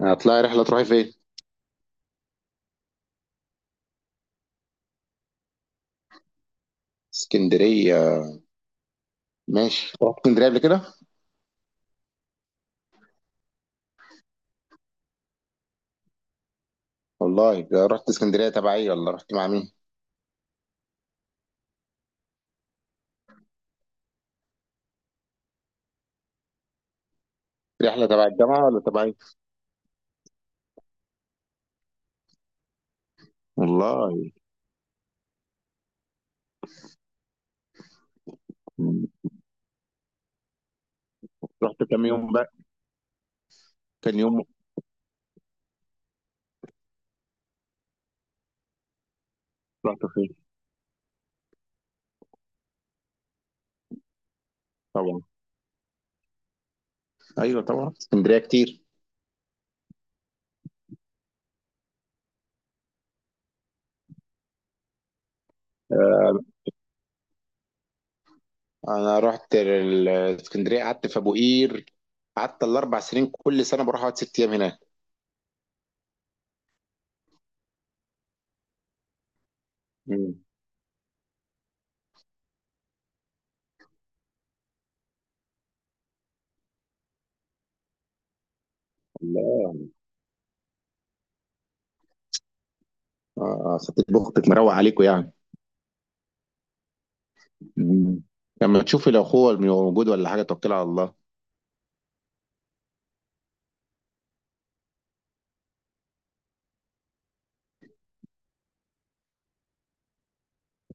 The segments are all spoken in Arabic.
هتطلعي رحلة تروحي فين؟ اسكندرية. ماشي، رحت اسكندرية قبل كده؟ والله رحت اسكندرية تبع ايه ولا رحت مع مين؟ رحلة تبع الجامعة ولا تبع ايه؟ والله رحت كام يوم بقى؟ كان يوم. رحت فين؟ طبعا. ايوه طبعا اسكندرية كتير. انا رحت اسكندرية، قعدت في ابو قير. قعدت ال4 سنين كل سنة بروح اقعد 6 ايام هناك. مم. الله. اه ستة بختك مروق عليكم يعني. مم. لما تشوفي لو اخوه موجود ولا حاجة توكلي على الله.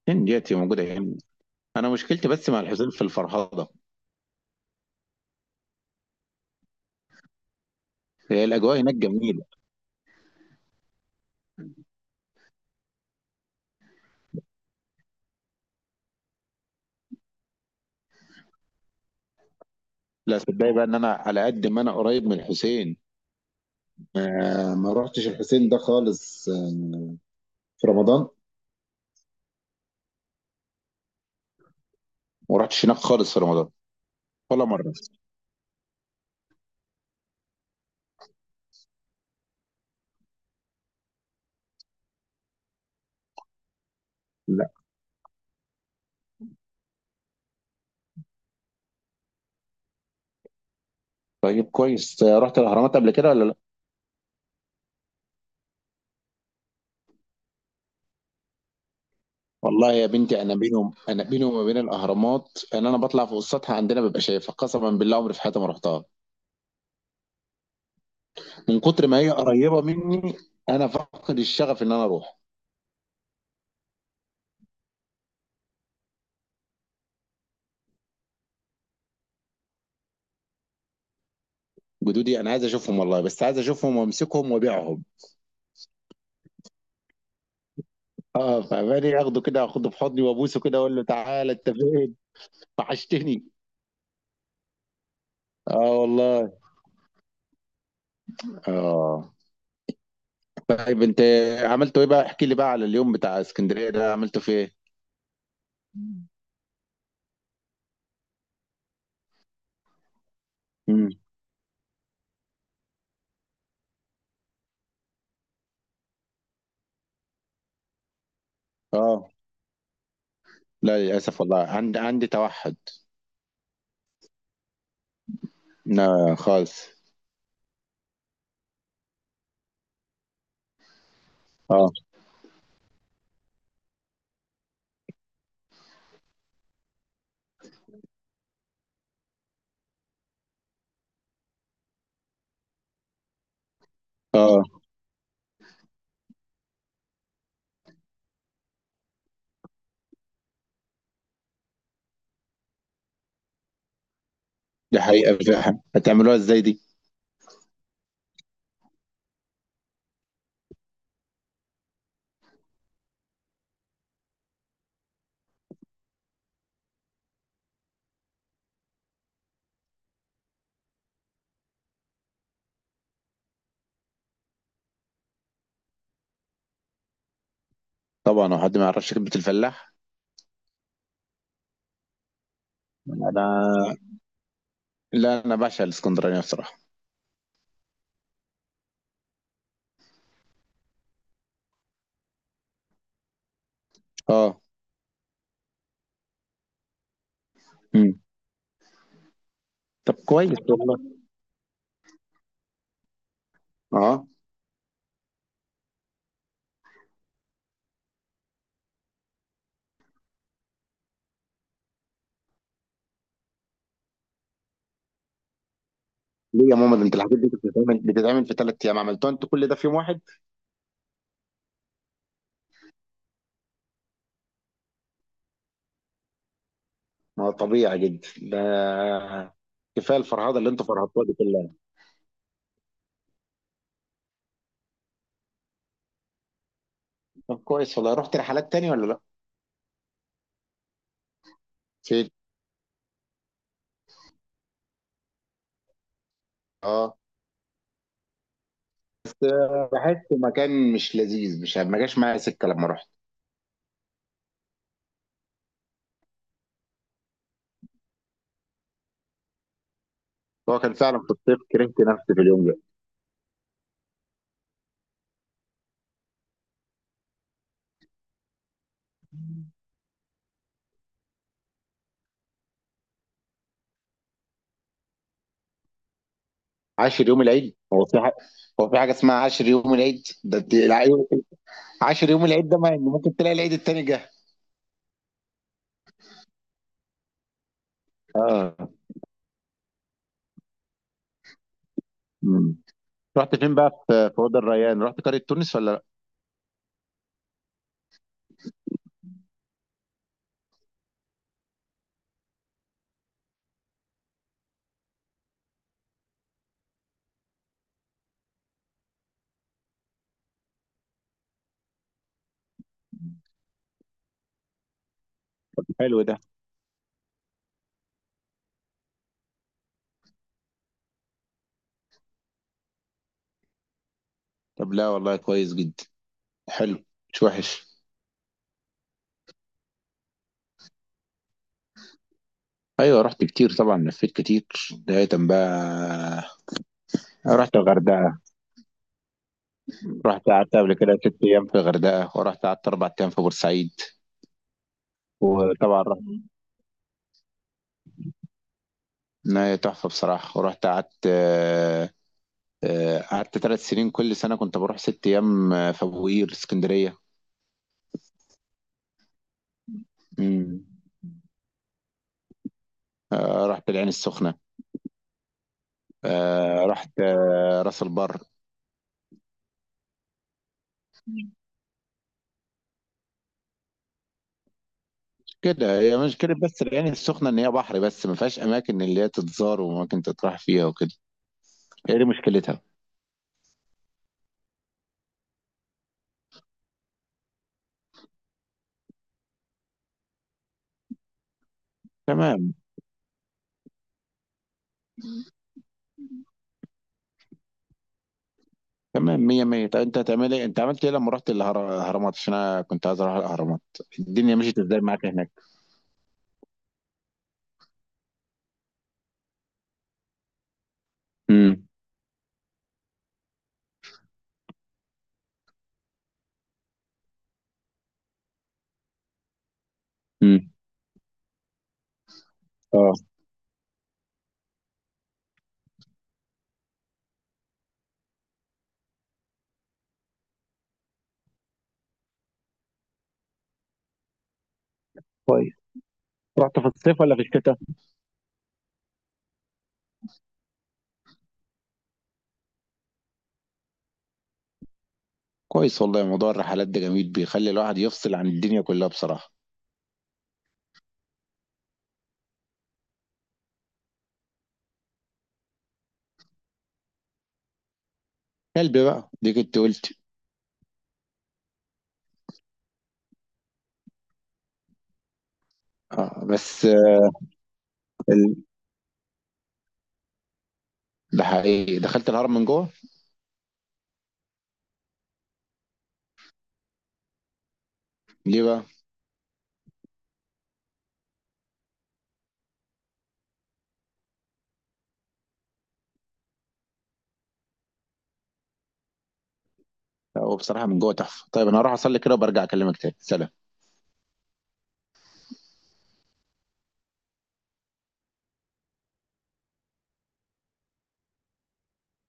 فين ديتي موجودة هنا. انا مشكلتي بس مع الحسين في الفرهضه. هي الاجواء هناك جميله. لا صدقني بقى ان انا على قد ما انا قريب من الحسين، ما رحتش الحسين ده خالص، في رمضان، وما رحتش هناك خالص في رمضان ولا مره. لا، طيب كويس. رحت الاهرامات قبل كده ولا لا؟ والله يا بنتي انا بينهم، انا بيني وما بين الاهرامات ان انا بطلع فوق السطح عندنا ببقى شايفها، قسما بالله عمري في حياتي ما رحتها. من كتر ما هي قريبه مني انا فاقد الشغف ان انا اروح. جدودي انا عايز اشوفهم والله، بس عايز اشوفهم وامسكهم وابيعهم. اه فماني اخده كده، اخده في حضني وابوسه كده، اقول له تعالى انت فين، وحشتني. اه والله. اه. طيب انت عملته ايه بقى، احكي لي بقى على اليوم بتاع اسكندريه ده عملته في ايه؟ مم. امم. اه. لا للاسف والله عندي توحد. لا خالص. اه. اه. دي حقيقه فعلا. هتعملوها ازاي دي؟ طبعا، هو حد ما يعرفش كلمه الفلاح؟ انا لا، انا بعشق الاسكندرانيه بصراحه. اه. امم. طب كويس والله. اه. ليه يا ماما؟ ده انت الحاجات دي كانت بتتعمل في 3 ايام، عملتوها انت كل ده في يوم واحد! ما هو طبيعي جدا ده، كفايه الفرهده اللي انت فرهدتوها دي كلها. طب كويس والله، رحت رحلات تاني ولا لا؟ فين؟ اه، بس بحس مكان مش لذيذ، مش ما جاش معايا سكه لما رحت. هو كان فعلا في الصيف، كرهت نفسي في اليوم ده. عاشر يوم العيد، هو في حاجه هو في حاجه اسمها عاشر يوم العيد؟ ده انت عاشر يوم العيد ده ما ممكن تلاقي العيد التاني جه. اه. مم. رحت فين بقى في وادي الريان، رحت قريه تونس ولا لا؟ حلو ده. طب لا والله كويس جدا. حلو، مش وحش. ايوه رحت كتير طبعا، لفيت كتير. بداية بقى رحت الغردقة، رحت قعدت قبل كده 6 ايام في الغردقة، ورحت قعدت 4 ايام في بورسعيد، وطبعا رحت نهاية تحفة بصراحة. ورحت قعدت، قعدت 3 سنين كل سنة كنت بروح 6 ايام، في ابو قير اسكندرية. مم. رحت العين السخنة. رحت راس البر. كده هي مشكلة بس العين السخنة، إن هي بحر بس، ما فيهاش أماكن اللي هي تتزار وأماكن تطرح فيها وكده. هي دي مشكلتها. تمام. تمام مية مية. طب أنت هتعمل إيه؟ أنت عملت إيه لما رحت الأهرامات؟ عشان أنا كنت عايز أروح الأهرامات، الدنيا مشيت إزاي معاك هناك؟ امم. امم. أه. كويس، رحت في الصيف ولا في الشتاء؟ كويس والله، موضوع الرحلات ده جميل، بيخلي الواحد يفصل عن الدنيا كلها بصراحة. كلب بقى؟ دي كنت قلت. أه بس، ال- ده حقيقي دخلت الهرم من جوه؟ ليه بقى؟ هو بصراحة من جوه تحفة. طيب أنا هروح أصلي كده وبرجع أكلمك تاني، سلام.